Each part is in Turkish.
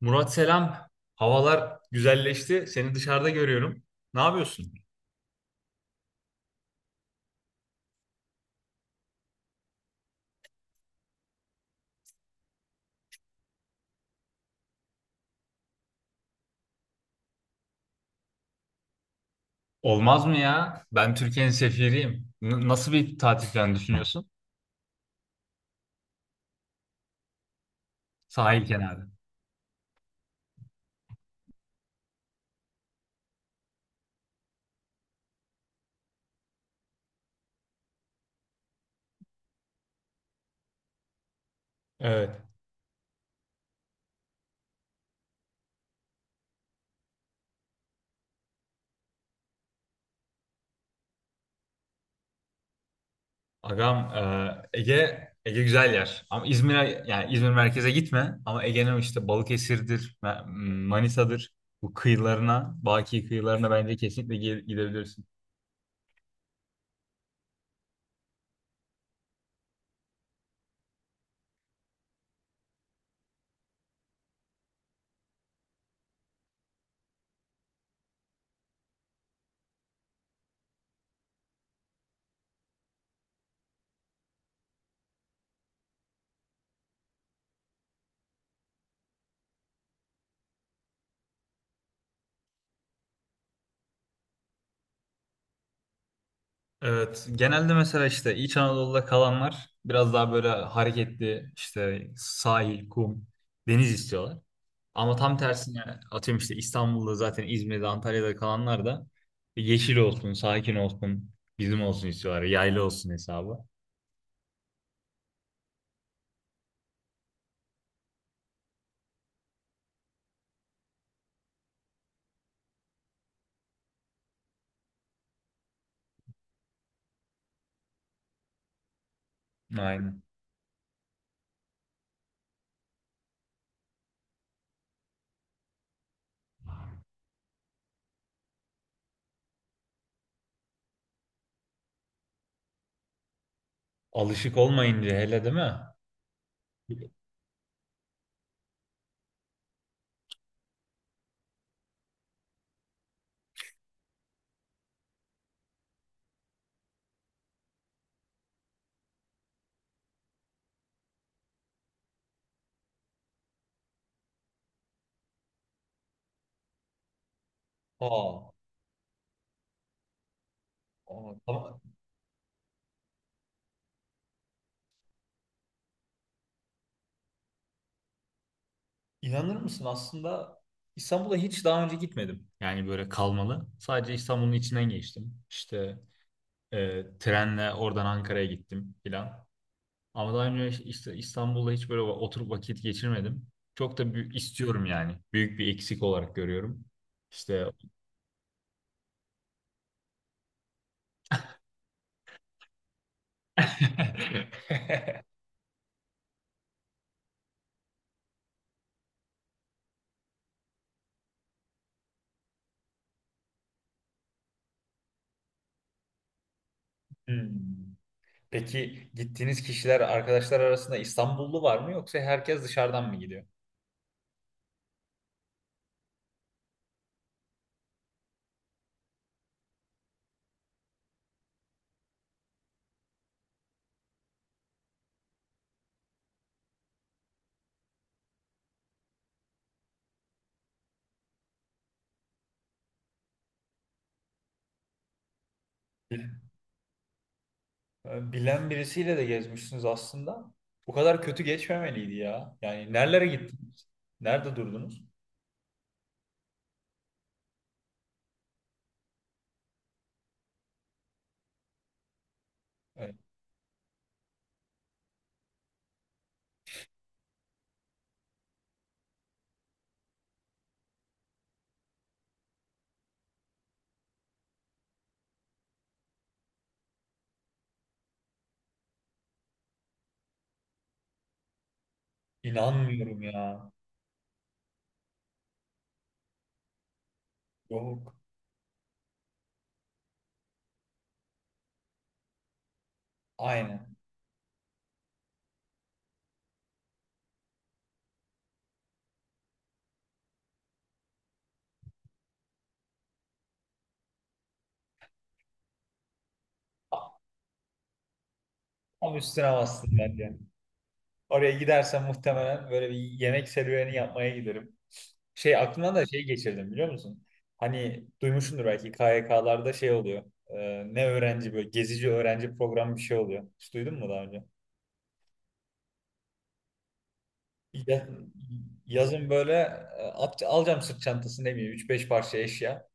Murat, selam. Havalar güzelleşti. Seni dışarıda görüyorum. Ne yapıyorsun? Olmaz mı ya? Ben Türkiye'nin sefiriyim. Nasıl bir tatil planı düşünüyorsun? Sahil kenarı. Evet. Agam, Ege güzel yer. Ama İzmir'e, yani İzmir merkeze gitme. Ama Ege'nin işte Balıkesir'dir, Manisa'dır. Bu kıyılarına, Baki kıyılarına bence kesinlikle gidebilirsin. Evet, genelde mesela işte İç Anadolu'da kalanlar biraz daha böyle hareketli işte sahil, kum, deniz istiyorlar. Ama tam tersine, atıyorum, işte İstanbul'da, zaten İzmir'de, Antalya'da kalanlar da yeşil olsun, sakin olsun, bizim olsun istiyorlar. Yaylı olsun hesabı. Aynen. Alışık olmayınca, hele, değil mi? Aa, aa, tamam. İnanır mısın, aslında İstanbul'a hiç daha önce gitmedim. Yani böyle kalmalı. Sadece İstanbul'un içinden geçtim. İşte trenle oradan Ankara'ya gittim filan. Ama daha önce işte İstanbul'da hiç böyle oturup vakit geçirmedim. Çok da büyük istiyorum yani. Büyük bir eksik olarak görüyorum. İşte Hmm. Peki, gittiğiniz kişiler, arkadaşlar arasında İstanbullu var mı, yoksa herkes dışarıdan mı gidiyor? Bilen birisiyle de gezmişsiniz aslında. Bu kadar kötü geçmemeliydi ya. Yani nerelere gittiniz? Nerede durdunuz? Evet. İnanmıyorum ya. Yok. Aynen. Tam üstüne bastın bence. Oraya gidersem muhtemelen böyle bir yemek serüveni yapmaya giderim. Şey, aklımdan da şey geçirdim, biliyor musun? Hani duymuşsundur belki, KYK'larda şey oluyor. Ne öğrenci, böyle gezici öğrenci programı bir şey oluyor. Hiç duydun mu daha önce? Ya- yazın böyle, alacağım sırt çantası, ne bileyim, 3-5 parça eşya.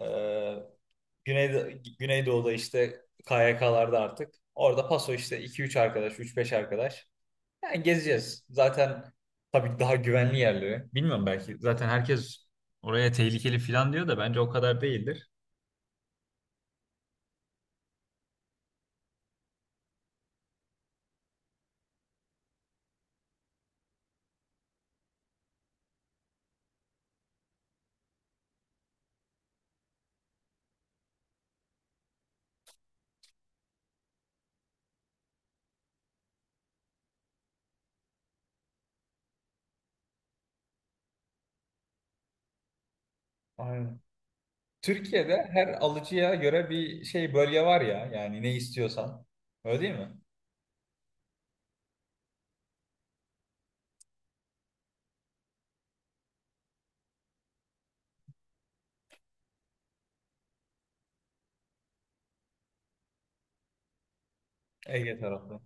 Ee, Güneydo Güneydoğu'da işte KYK'larda artık. Orada paso işte 2-3 arkadaş, 3-5 arkadaş. Yani gezeceğiz. Zaten tabii daha güvenli yerleri. Bilmiyorum, belki. Zaten herkes oraya tehlikeli falan diyor da bence o kadar değildir. Aynen. Türkiye'de her alıcıya göre bir şey, bölge var ya. Yani ne istiyorsan. Öyle değil mi? Ege tarafı.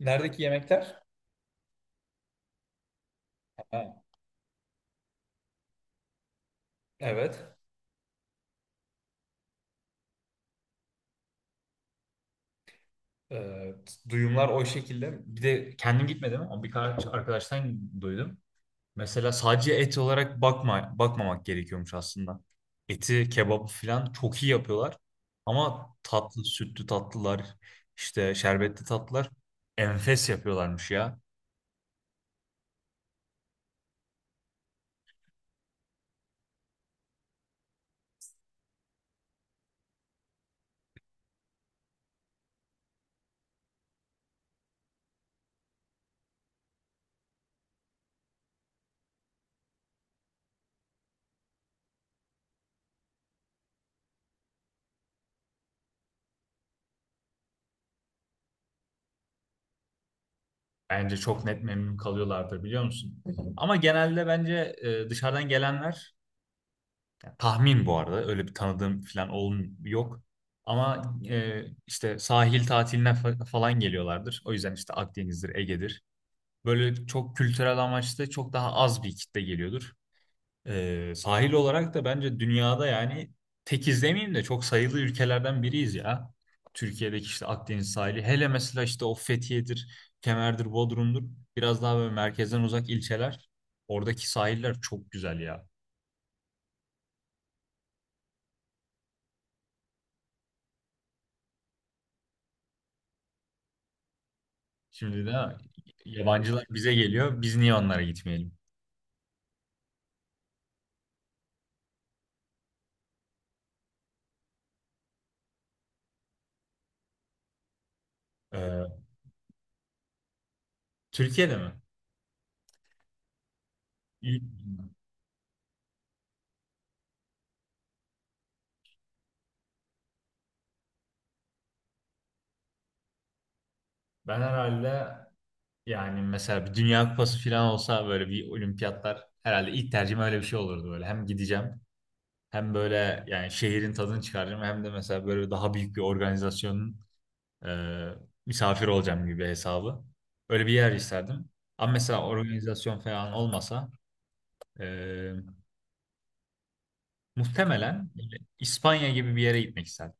Neredeki yemekler? Ha, evet. Ee, duyumlar o şekilde. Bir de kendim gitmedim ama birkaç arkadaştan duydum. Mesela sadece et olarak bakma, bakmamak gerekiyormuş aslında. Eti, kebabı falan çok iyi yapıyorlar. Ama tatlı, sütlü tatlılar, işte şerbetli tatlılar enfes yapıyorlarmış ya. Bence çok net memnun kalıyorlardır, biliyor musun? Hı hı. Ama genelde bence dışarıdan gelenler, ya, tahmin, bu arada öyle bir tanıdığım falan olm yok. Ama işte sahil tatiline falan geliyorlardır. O yüzden işte Akdeniz'dir, Ege'dir. Böyle çok kültürel amaçlı çok daha az bir kitle geliyordur. Sahil olarak da bence dünyada yani tek izlemeyeyim de çok sayılı ülkelerden biriyiz ya. Türkiye'deki işte Akdeniz sahili. Hele mesela işte o Fethiye'dir, Kemer'dir, Bodrum'dur. Biraz daha böyle merkezden uzak ilçeler. Oradaki sahiller çok güzel ya. Şimdi de yabancılar bize geliyor. Biz niye onlara gitmeyelim? Ee, Türkiye'de mi? Ben herhalde, yani mesela bir Dünya Kupası falan olsa, böyle bir olimpiyatlar, herhalde ilk tercihim öyle bir şey olurdu böyle. Hem gideceğim, hem böyle yani şehrin tadını çıkaracağım, hem de mesela böyle daha büyük bir organizasyonun e, misafir olacağım gibi hesabı. Öyle bir yer isterdim. Ama mesela organizasyon falan olmasa, e, muhtemelen İspanya gibi bir yere gitmek isterdim.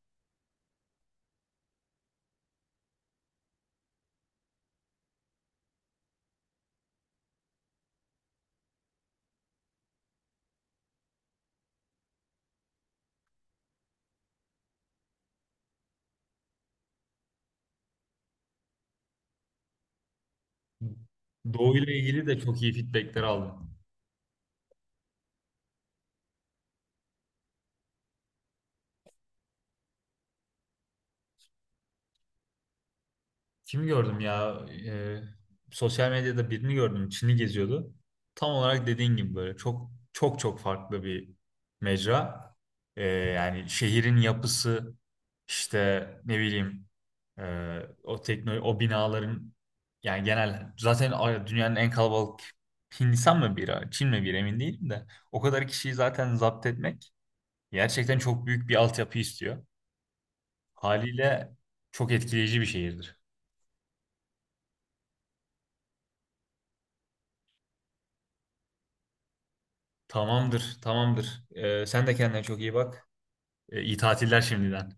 Doğu ile ilgili de çok iyi feedbackler aldım. Kimi gördüm ya? Ee, sosyal medyada birini gördüm. Çin'i geziyordu. Tam olarak dediğin gibi, böyle çok çok çok farklı bir mecra. Yani şehrin yapısı, işte ne bileyim, o teknoloji, o binaların, yani genel zaten dünyanın en kalabalık, Hindistan mı biri, Çin mi biri, emin değilim de, o kadar kişiyi zaten zapt etmek gerçekten çok büyük bir altyapı istiyor. Haliyle çok etkileyici bir şehirdir. Tamamdır, tamamdır. Sen de kendine çok iyi bak. İyi tatiller şimdiden.